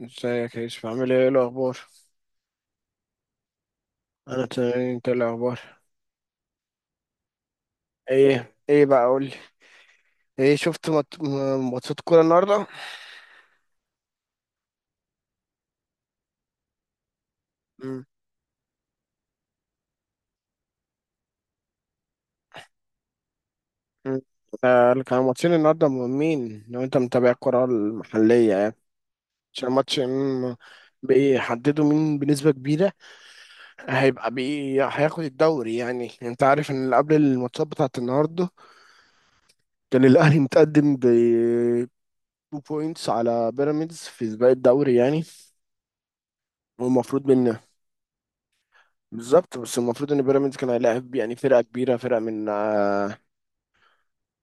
ازيك يا يوسف، عامل ايه، ايه الاخبار؟ انا تمام، انت إيه الاخبار؟ ايه ايه بقى قول لي. ايه شفت ماتشات كوره النهارده؟ امم. امم. آه، اللي كانوا ماتشين النهارده مهمين لو انت متابع الكوره المحليه يعني. عشان ماتش بيحددوا مين بنسبه كبيره هيبقى بي هياخد الدوري يعني. انت عارف ان قبل الماتشات بتاعت النهارده كان الاهلي متقدم ب 2 بوينتس على بيراميدز في سباق الدوري يعني. والمفروض ان بالظبط، بس المفروض ان بيراميدز كان هيلاعب يعني فرقه كبيره، فرقه من آه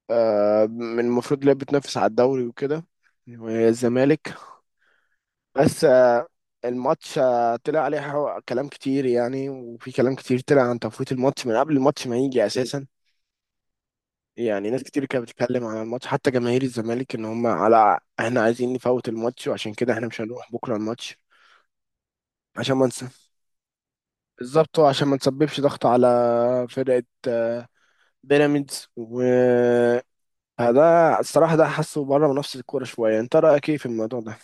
من المفروض اللي هي بتنافس على الدوري وكده، وهي الزمالك. بس آه الماتش طلع عليه كلام كتير يعني، وفي كلام كتير طلع عن تفويت الماتش من قبل الماتش ما يجي اساسا. يعني ناس كتير كانت بتتكلم على الماتش، حتى جماهير الزمالك ان هم على احنا عايزين نفوت الماتش وعشان كده احنا مش هنروح بكره الماتش. عشان ما نس- بالظبط، وعشان ما نسببش ضغط على فرقه، آه، بيراميدز. ده الصراحة ده حاسه بره منافسة الكورة شوية. أنت رأيك إيه في الموضوع ده؟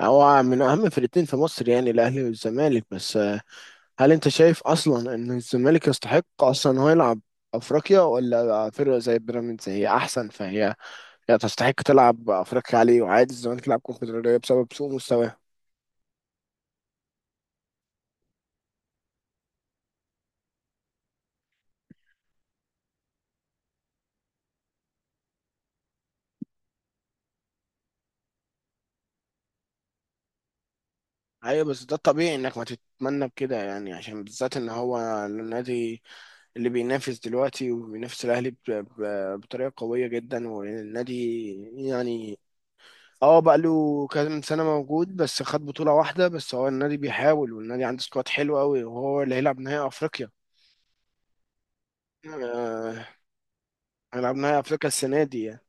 هو من أهم فرقتين في مصر يعني، الأهلي والزمالك. بس آه، هل أنت شايف أصلا إن الزمالك يستحق أصلا إن هو يلعب أفريقيا؟ ولا فرقة زي بيراميدز هي أحسن، فهي تستحق تلعب أفريقيا عليه، وعادي الزمالك يلعب كونفدرالية بسبب سوء مستواه. أيوة بس ده الطبيعي إنك ما تتمنى بكده يعني، عشان بالذات إن هو النادي اللي بينافس دلوقتي وبينافس الأهلي بطريقة قوية جدا، والنادي يعني اه بقى له كام سنة موجود بس خد بطولة واحدة، بس هو النادي بيحاول، والنادي عنده سكواد حلو قوي، وهو اللي هيلعب نهائي أفريقيا. آه، هيلعب نهائي أفريقيا السنة دي يعني.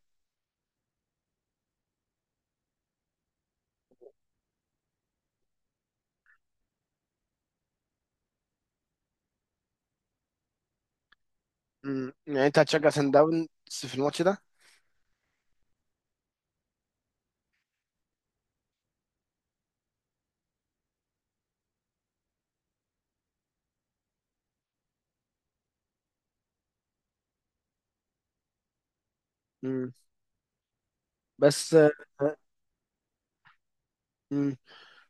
مم. يعني أنت هتشجع سان داونز في الماتش ده؟ مم. بس آه، مم.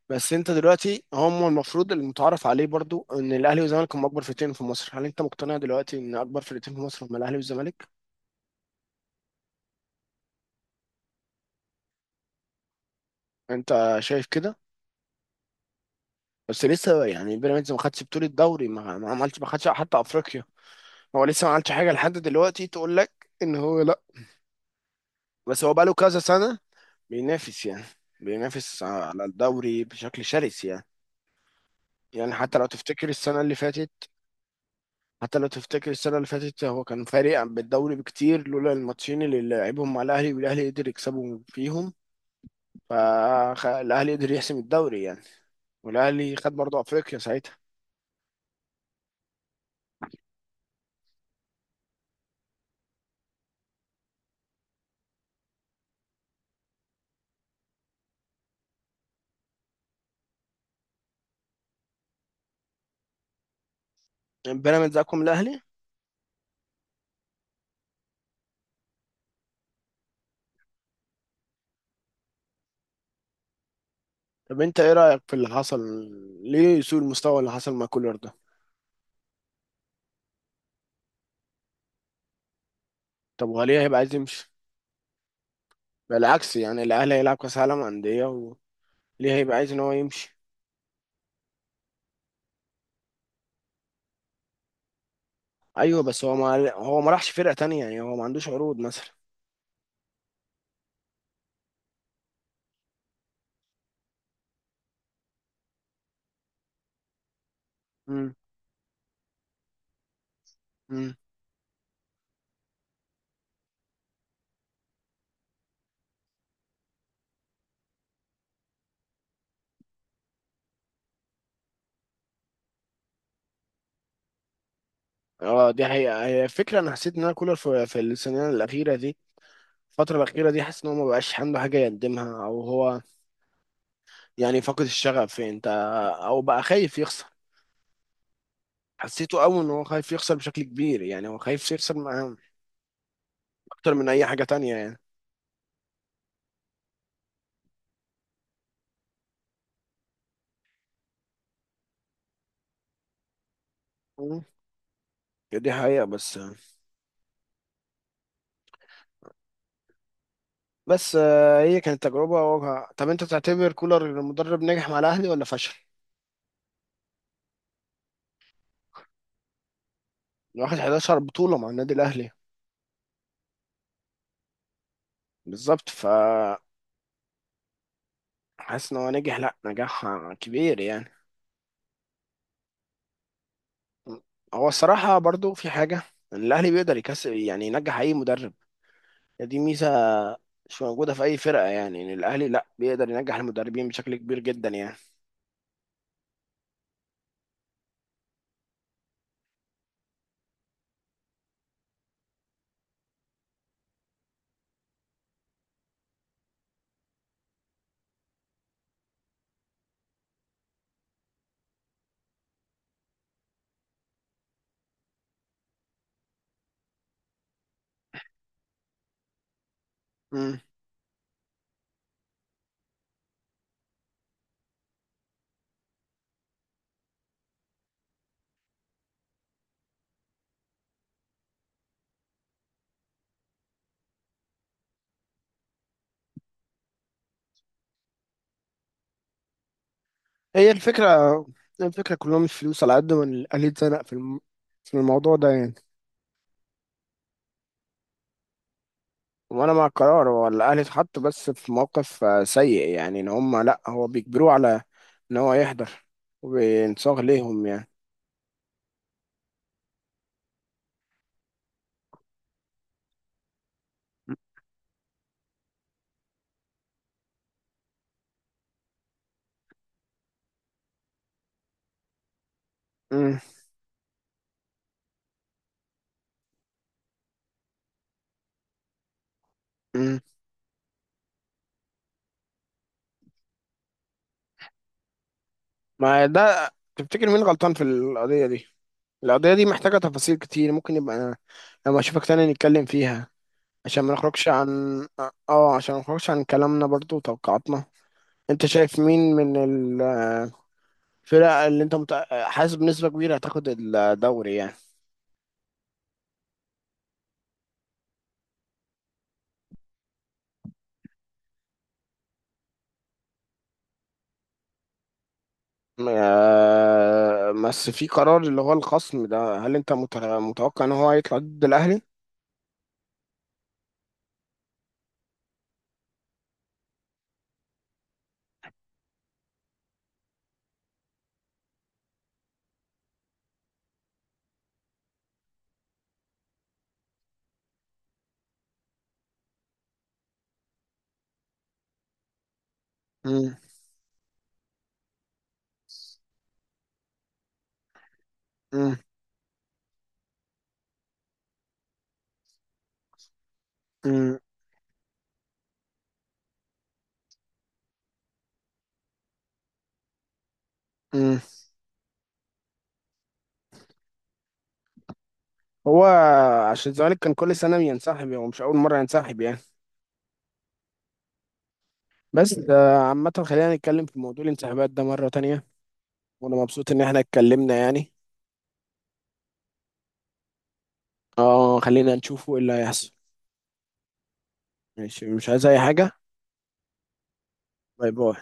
بس أنت دلوقتي، هم المفروض المتعارف عليه برضو إن الأهلي والزمالك هم أكبر فرقتين في مصر، هل أنت مقتنع دلوقتي إن أكبر فرقتين في مصر هم الأهلي والزمالك؟ أنت شايف كده؟ بس لسه يعني بيراميدز ما خدش بطولة دوري، ما عملش، ما خدش حتى أفريقيا. هو لسه ما عملش حاجه لحد دلوقتي تقول لك ان هو لا. بس هو بقاله كذا سنه بينافس يعني، بينافس على الدوري بشكل شرس يعني. يعني حتى لو تفتكر السنه اللي فاتت، حتى لو تفتكر السنه اللي فاتت هو كان فارق بالدوري بكتير لولا الماتشين اللي لعبهم مع الاهلي، والاهلي قدر يكسبهم فيهم. فالاهلي قدر يحسم الدوري يعني، والاهلي خد برضه افريقيا ساعتها. بيراميدز اقوى من الاهلي؟ طب انت ايه رايك في اللي حصل؟ ليه سوء المستوى اللي حصل مع كولر ده؟ طب وهل هيبقى عايز يمشي؟ بالعكس يعني الاهلي هيلعب كاس عالم انديه، وليه هيبقى عايز ان هو يمشي؟ ايوه بس هو، ما هو ما راحش فرقه تانية يعني، هو ما عندوش عروض مثلا. امم. امم. اه دي حقيقه. هي فكره، انا حسيت ان انا كولر في السنين الاخيره دي، الفتره الاخيره دي، حاسس ان هو ما بقاش عنده حاجه يقدمها، او هو يعني فقد الشغف، انت، او بقى خايف يخسر. حسيته قوي ان هو خايف يخسر بشكل كبير يعني، هو خايف يخسر اكتر من اي حاجه تانية يعني. مم. دي حقيقه بس. هي كانت تجربة واجهة. طب انت تعتبر كولر المدرب نجح مع الاهلي ولا فشل؟ واخد 11 بطولة مع النادي الاهلي. بالظبط. حاسس ان هو نجح، لا نجاح كبير يعني. هو الصراحة برضو في حاجة، ان الاهلي بيقدر يكسب يعني، ينجح اي مدرب. دي ميزة مش موجودة في اي فرقة يعني، ان الاهلي لا بيقدر ينجح المدربين بشكل كبير جدا يعني. مم. هي الفكرة، الفكرة كلهم الفلوس على قد ما الاهلي اتزنق في في الموضوع ده يعني. وانا مع القرار، هو الاهلي اتحط بس في موقف سيء يعني، ان هم لا، هو بيجبروه على ان هو يحضر وبينصاغ ليهم يعني. مم. مم. ما ده تفتكر مين غلطان في القضية دي؟ القضية دي محتاجة تفاصيل كتير، ممكن يبقى أنا لما أشوفك تاني نتكلم فيها، عشان ما نخرجش عن... اه، عشان ما نخرجش عن كلامنا برضو وتوقعاتنا. انت شايف مين من الفرق اللي انت حاسس بنسبة كبيرة هتاخد الدوري يعني؟ بس في قرار اللي هو الخصم ده، هل انت متوقع ان هو هيطلع ضد الاهلي؟ مم. مم. مم. مم. هو عشان الزمالك كان كل سنه بينسحب، هو مش اول مره ينسحب يعني. بس آه، عامه خلينا نتكلم في موضوع الانسحابات ده مره تانية، وانا مبسوط ان احنا اتكلمنا يعني. اه خلينا نشوفه ايه اللي هيحصل. ماشي، مش عايز اي حاجه. باي باي.